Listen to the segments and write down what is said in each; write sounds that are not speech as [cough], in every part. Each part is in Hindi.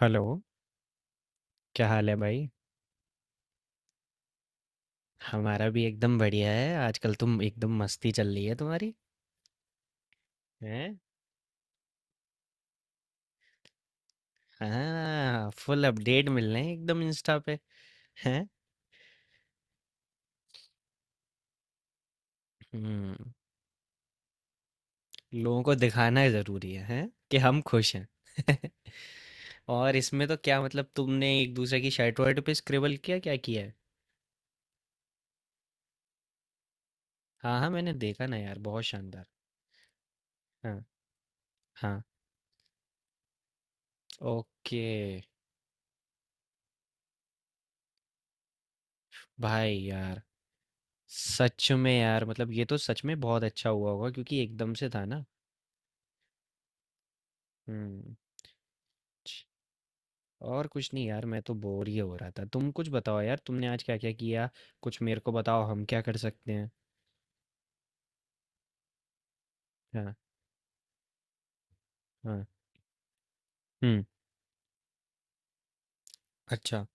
हेलो, क्या हाल है भाई? हमारा भी एकदम बढ़िया है। आजकल तुम एकदम मस्ती चल रही है तुम्हारी। हैं? हाँ, फुल अपडेट मिल रहे हैं एकदम इंस्टा पे। हैं? हम्म, लोगों को दिखाना जरूरी है, हैं? कि हम खुश हैं। [laughs] और इसमें तो क्या मतलब तुमने एक दूसरे की शर्ट वर्ट पे स्क्रिबल किया क्या किया है? हाँ हाँ मैंने देखा ना यार, बहुत शानदार। हाँ हाँ ओके। भाई यार, सच में यार मतलब ये तो सच में बहुत अच्छा हुआ होगा क्योंकि एकदम से था ना। हम्म। और कुछ नहीं यार मैं तो बोर ही हो रहा था, तुम कुछ बताओ यार, तुमने आज क्या क्या किया? कुछ मेरे को बताओ हम क्या कर सकते हैं। हाँ। हाँ। हम्म। अच्छा।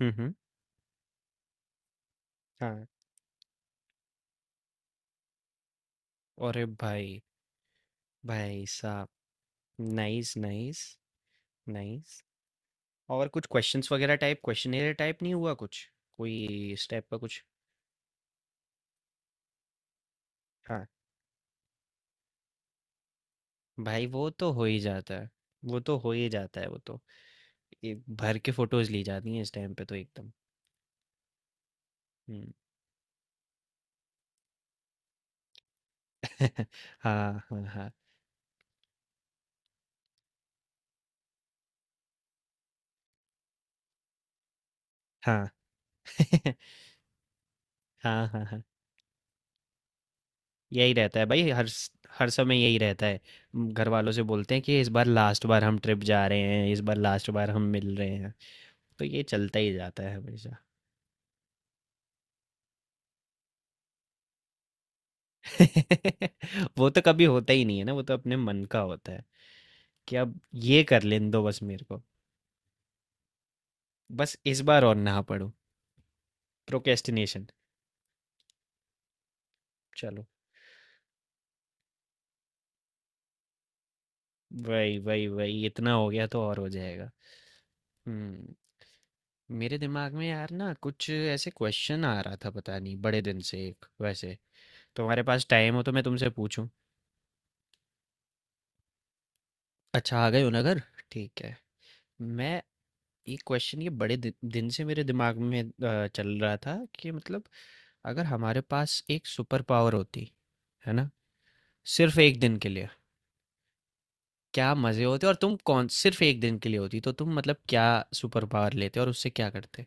हम्म। हम्म। हाँ। अरे भाई, भाई साहब। Nice nice nice. और कुछ क्वेश्चंस वगैरह टाइप, क्वेश्चनेयर टाइप नहीं हुआ कुछ? कोई इस टाइप का कुछ? हाँ। भाई वो तो हो ही जाता है, वो तो हो ही जाता है। वो तो, ये भर के फोटोज ली जाती हैं इस टाइम पे तो एकदम। हम्म। [laughs] हाँ हाँ हाँ हाँ। [laughs] हाँ हाँ हाँ हाँ। यही रहता है भाई हर समय यही रहता है। घर वालों से बोलते हैं कि इस बार लास्ट बार हम ट्रिप जा रहे हैं, इस बार लास्ट बार हम मिल रहे हैं। तो ये चलता ही जाता है हमेशा। [laughs] वो तो कभी होता ही नहीं है ना, वो तो अपने मन का होता है कि अब ये कर लेने दो बस मेरे को। बस इस बार और ना पड़ो। प्रोक्रेस्टिनेशन। चलो। वही वही वही, इतना हो गया तो और हो जाएगा। हम्म। मेरे दिमाग में यार ना कुछ ऐसे क्वेश्चन आ रहा था पता नहीं बड़े दिन से, एक वैसे। तुम्हारे पास टाइम हो तो मैं तुमसे पूछूं? अच्छा आ गए हो ना घर? ठीक है। मैं ये क्वेश्चन, ये बड़े दि दिन से मेरे दिमाग में चल रहा था कि मतलब अगर हमारे पास एक सुपर पावर होती, है ना, सिर्फ एक दिन के लिए। क्या मज़े होते? और तुम कौन सिर्फ एक दिन के लिए होती तो तुम मतलब क्या सुपर पावर लेते और उससे क्या करते?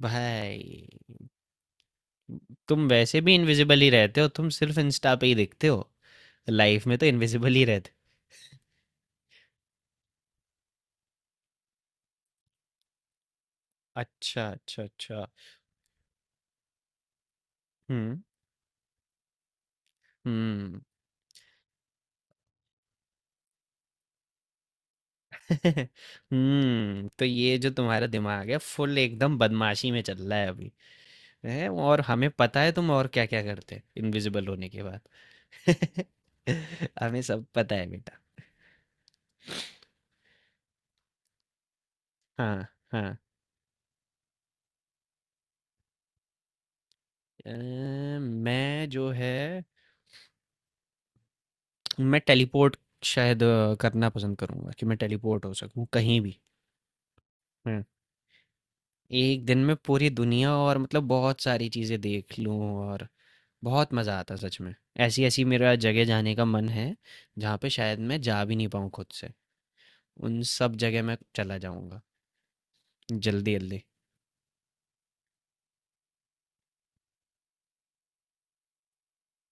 भाई तुम वैसे भी इनविजिबल ही रहते हो, तुम सिर्फ इंस्टा पे ही दिखते हो, लाइफ में तो इनविजिबल ही रहते। अच्छा अच्छा अच्छा। हम्म हम्म। [laughs] तो ये जो तुम्हारा दिमाग है फुल एकदम बदमाशी में चल रहा है अभी है, और हमें पता है तुम और क्या क्या करते इनविजिबल होने के बाद। [laughs] हमें सब पता है बेटा। हाँ हाँ। अ, मैं जो है, मैं टेलीपोर्ट शायद करना पसंद करूंगा कि मैं टेलीपोर्ट हो सकूं कहीं भी। हुँ। एक दिन में पूरी दुनिया, और मतलब बहुत सारी चीज़ें देख लूँ। और बहुत मज़ा आता सच में। ऐसी-ऐसी मेरा जगह जाने का मन है, जहाँ पे शायद मैं जा भी नहीं पाऊँ खुद से। उन सब जगह मैं चला जाऊँगा, जल्दी-जल्दी।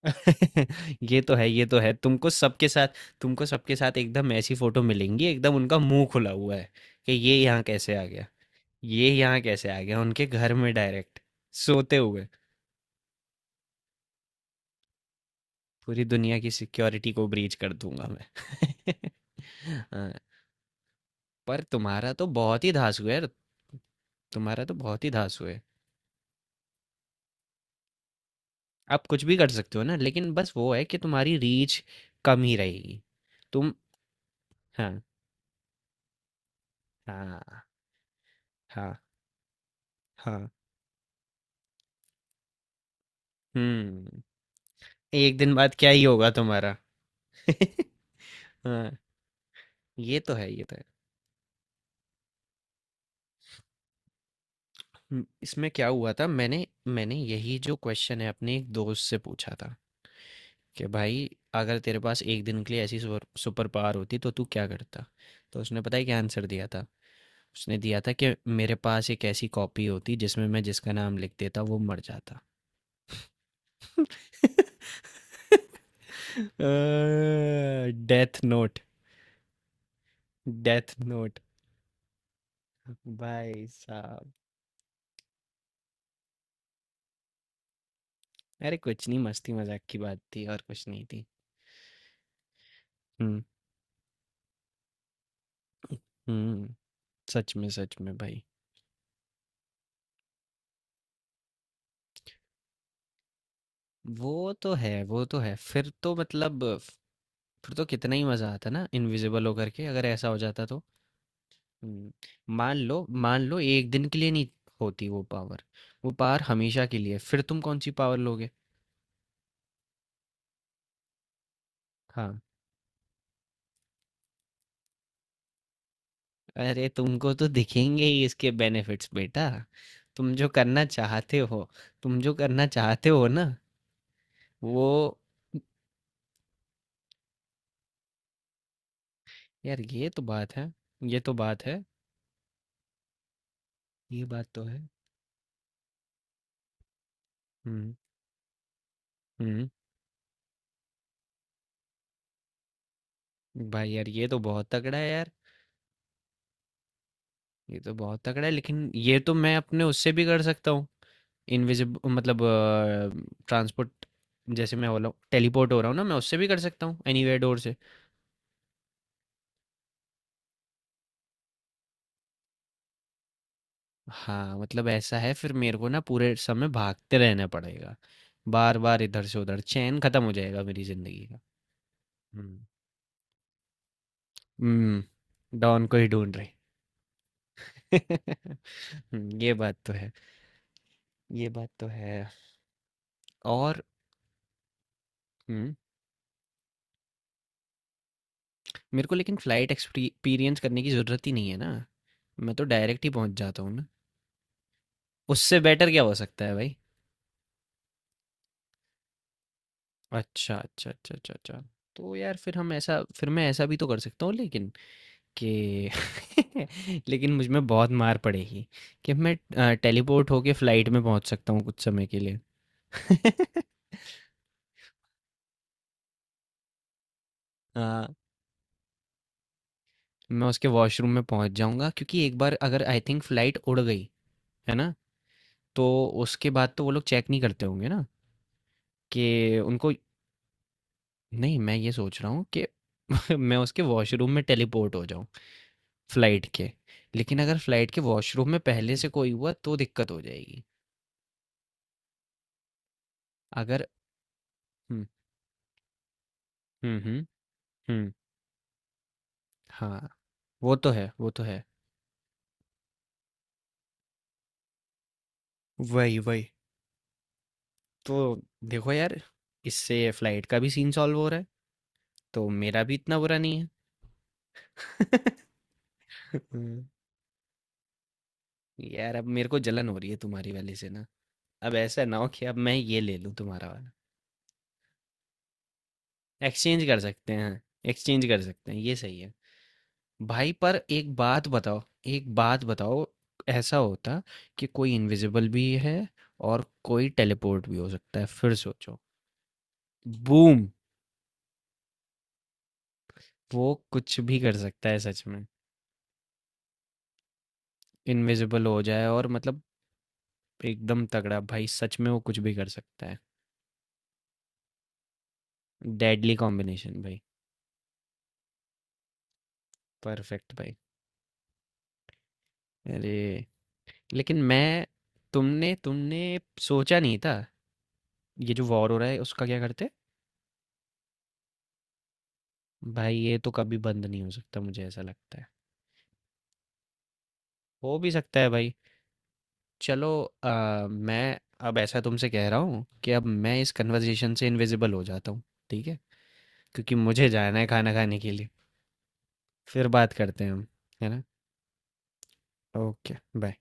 [laughs] ये तो है, ये तो है। तुमको सबके साथ एकदम ऐसी फ़ोटो मिलेंगी, एकदम उनका मुँह खुला हुआ है कि ये यहाँ कैसे आ गया? ये यहाँ कैसे आ गया? उनके घर में डायरेक्ट, सोते हुए। पूरी दुनिया की सिक्योरिटी को ब्रीच कर दूँगा मैं। [laughs] हाँ, पर तुम्हारा तो बहुत ही धांसू है यार, तुम्हारा तो बहुत ही धांसू है। आप कुछ भी कर सकते हो ना, लेकिन बस वो है कि तुम्हारी रीच कम ही रहेगी। तुम हाँ हाँ हाँ हाँ। हम्म। एक दिन बाद क्या ही होगा तुम्हारा। [laughs] हाँ, ये तो है, ये तो है। इसमें क्या हुआ था, मैंने मैंने यही जो क्वेश्चन है अपने एक दोस्त से पूछा था कि भाई अगर तेरे पास एक दिन के लिए ऐसी सुपर सुपर पावर होती तो तू क्या करता, तो उसने पता है क्या आंसर दिया था। उसने दिया था कि मेरे पास एक ऐसी कॉपी होती जिसमें मैं जिसका नाम लिख देता वो मर जाता। [laughs] Death note. डेथ नोट भाई साहब। अरे कुछ नहीं, मस्ती मजाक की बात थी और कुछ नहीं थी। हम्म हम्म सच में भाई। वो तो है, वो तो है, फिर तो मतलब फिर तो कितना ही मज़ा आता ना इनविजिबल होकर के, अगर ऐसा हो जाता तो। हम्म, मान लो एक दिन के लिए नहीं होती वो पावर, वो पावर हमेशा के लिए, फिर तुम कौन सी पावर लोगे? हाँ। अरे तुमको तो दिखेंगे ही इसके बेनिफिट्स बेटा। तुम जो करना चाहते हो, तुम जो करना चाहते हो ना, वो। यार ये तो बात है, ये तो बात है, ये बात तो है। हम्म हम्म। भाई यार ये तो बहुत तगड़ा है यार, ये तो बहुत तगड़ा है, लेकिन ये तो मैं अपने उससे भी कर सकता हूँ। इनविजिब मतलब ट्रांसपोर्ट, जैसे मैं हो रहा हूँ टेलीपोर्ट हो रहा हूँ ना, मैं उससे भी कर सकता हूँ एनीवेयर डोर से। हाँ मतलब ऐसा है, फिर मेरे को ना पूरे समय भागते रहना पड़ेगा। बार बार इधर से उधर, चैन खत्म हो जाएगा मेरी जिंदगी का। हम्म हम्म, डॉन को ही ढूंढ रहे। [laughs] ये बात तो है, ये बात तो है, और। हम्म मेरे को लेकिन फ्लाइट एक्सपीरियंस करने की जरूरत ही नहीं है ना। मैं तो डायरेक्ट ही पहुंच जाता हूँ। उससे बेटर क्या हो सकता है भाई? अच्छा अच्छा अच्छा अच्छा अच्छा। तो यार फिर हम ऐसा फिर मैं ऐसा भी तो कर सकता हूँ, लेकिन कि [laughs] लेकिन मुझ में बहुत मार पड़ेगी कि मैं टेलीपोर्ट होके फ्लाइट में पहुंच सकता हूँ कुछ समय के लिए। [laughs] हाँ, मैं उसके वॉशरूम में पहुंच जाऊंगा, क्योंकि एक बार अगर आई थिंक फ्लाइट उड़ गई, है ना, तो उसके बाद तो वो लोग चेक नहीं करते होंगे ना कि उनको। नहीं, मैं ये सोच रहा हूँ कि [laughs] मैं उसके वॉशरूम में टेलीपोर्ट हो जाऊं, फ्लाइट के। लेकिन अगर फ्लाइट के वॉशरूम में पहले से कोई हुआ तो दिक्कत हो जाएगी। अगर हुँ, हुँ, हुँ, हुँ, हाँ, वो तो है, वो तो है। वही, वही। तो देखो यार, इससे फ्लाइट का भी सीन सॉल्व हो रहा है, तो मेरा भी इतना बुरा नहीं है। [laughs] हुँ, यार अब मेरे को जलन हो रही है तुम्हारी वाली से ना। अब ऐसा ना हो कि अब मैं ये ले लूँ तुम्हारा वाला। एक्सचेंज कर सकते हैं, एक्सचेंज कर सकते हैं, ये सही है। भाई पर एक बात बताओ, एक बात बताओ, ऐसा होता कि कोई इनविजिबल भी है और कोई टेलीपोर्ट भी हो सकता है, फिर सोचो। बूम। वो कुछ भी कर सकता है सच में। इनविजिबल हो जाए और मतलब, एकदम तगड़ा भाई, सच में वो कुछ भी कर सकता है। डेडली कॉम्बिनेशन भाई। परफेक्ट भाई। अरे लेकिन मैं तुमने तुमने सोचा नहीं था, ये जो वॉर हो रहा है उसका क्या करते? भाई ये तो कभी बंद नहीं हो सकता, मुझे ऐसा लगता है। हो भी सकता है भाई। चलो। अ, मैं, अब ऐसा तुमसे कह रहा हूँ कि अब मैं इस कन्वर्सेशन से इनविजिबल हो जाता हूँ। ठीक है? क्योंकि मुझे जाना है खाना खाने के लिए। फिर बात करते हैं हम, है ना? Okay bye.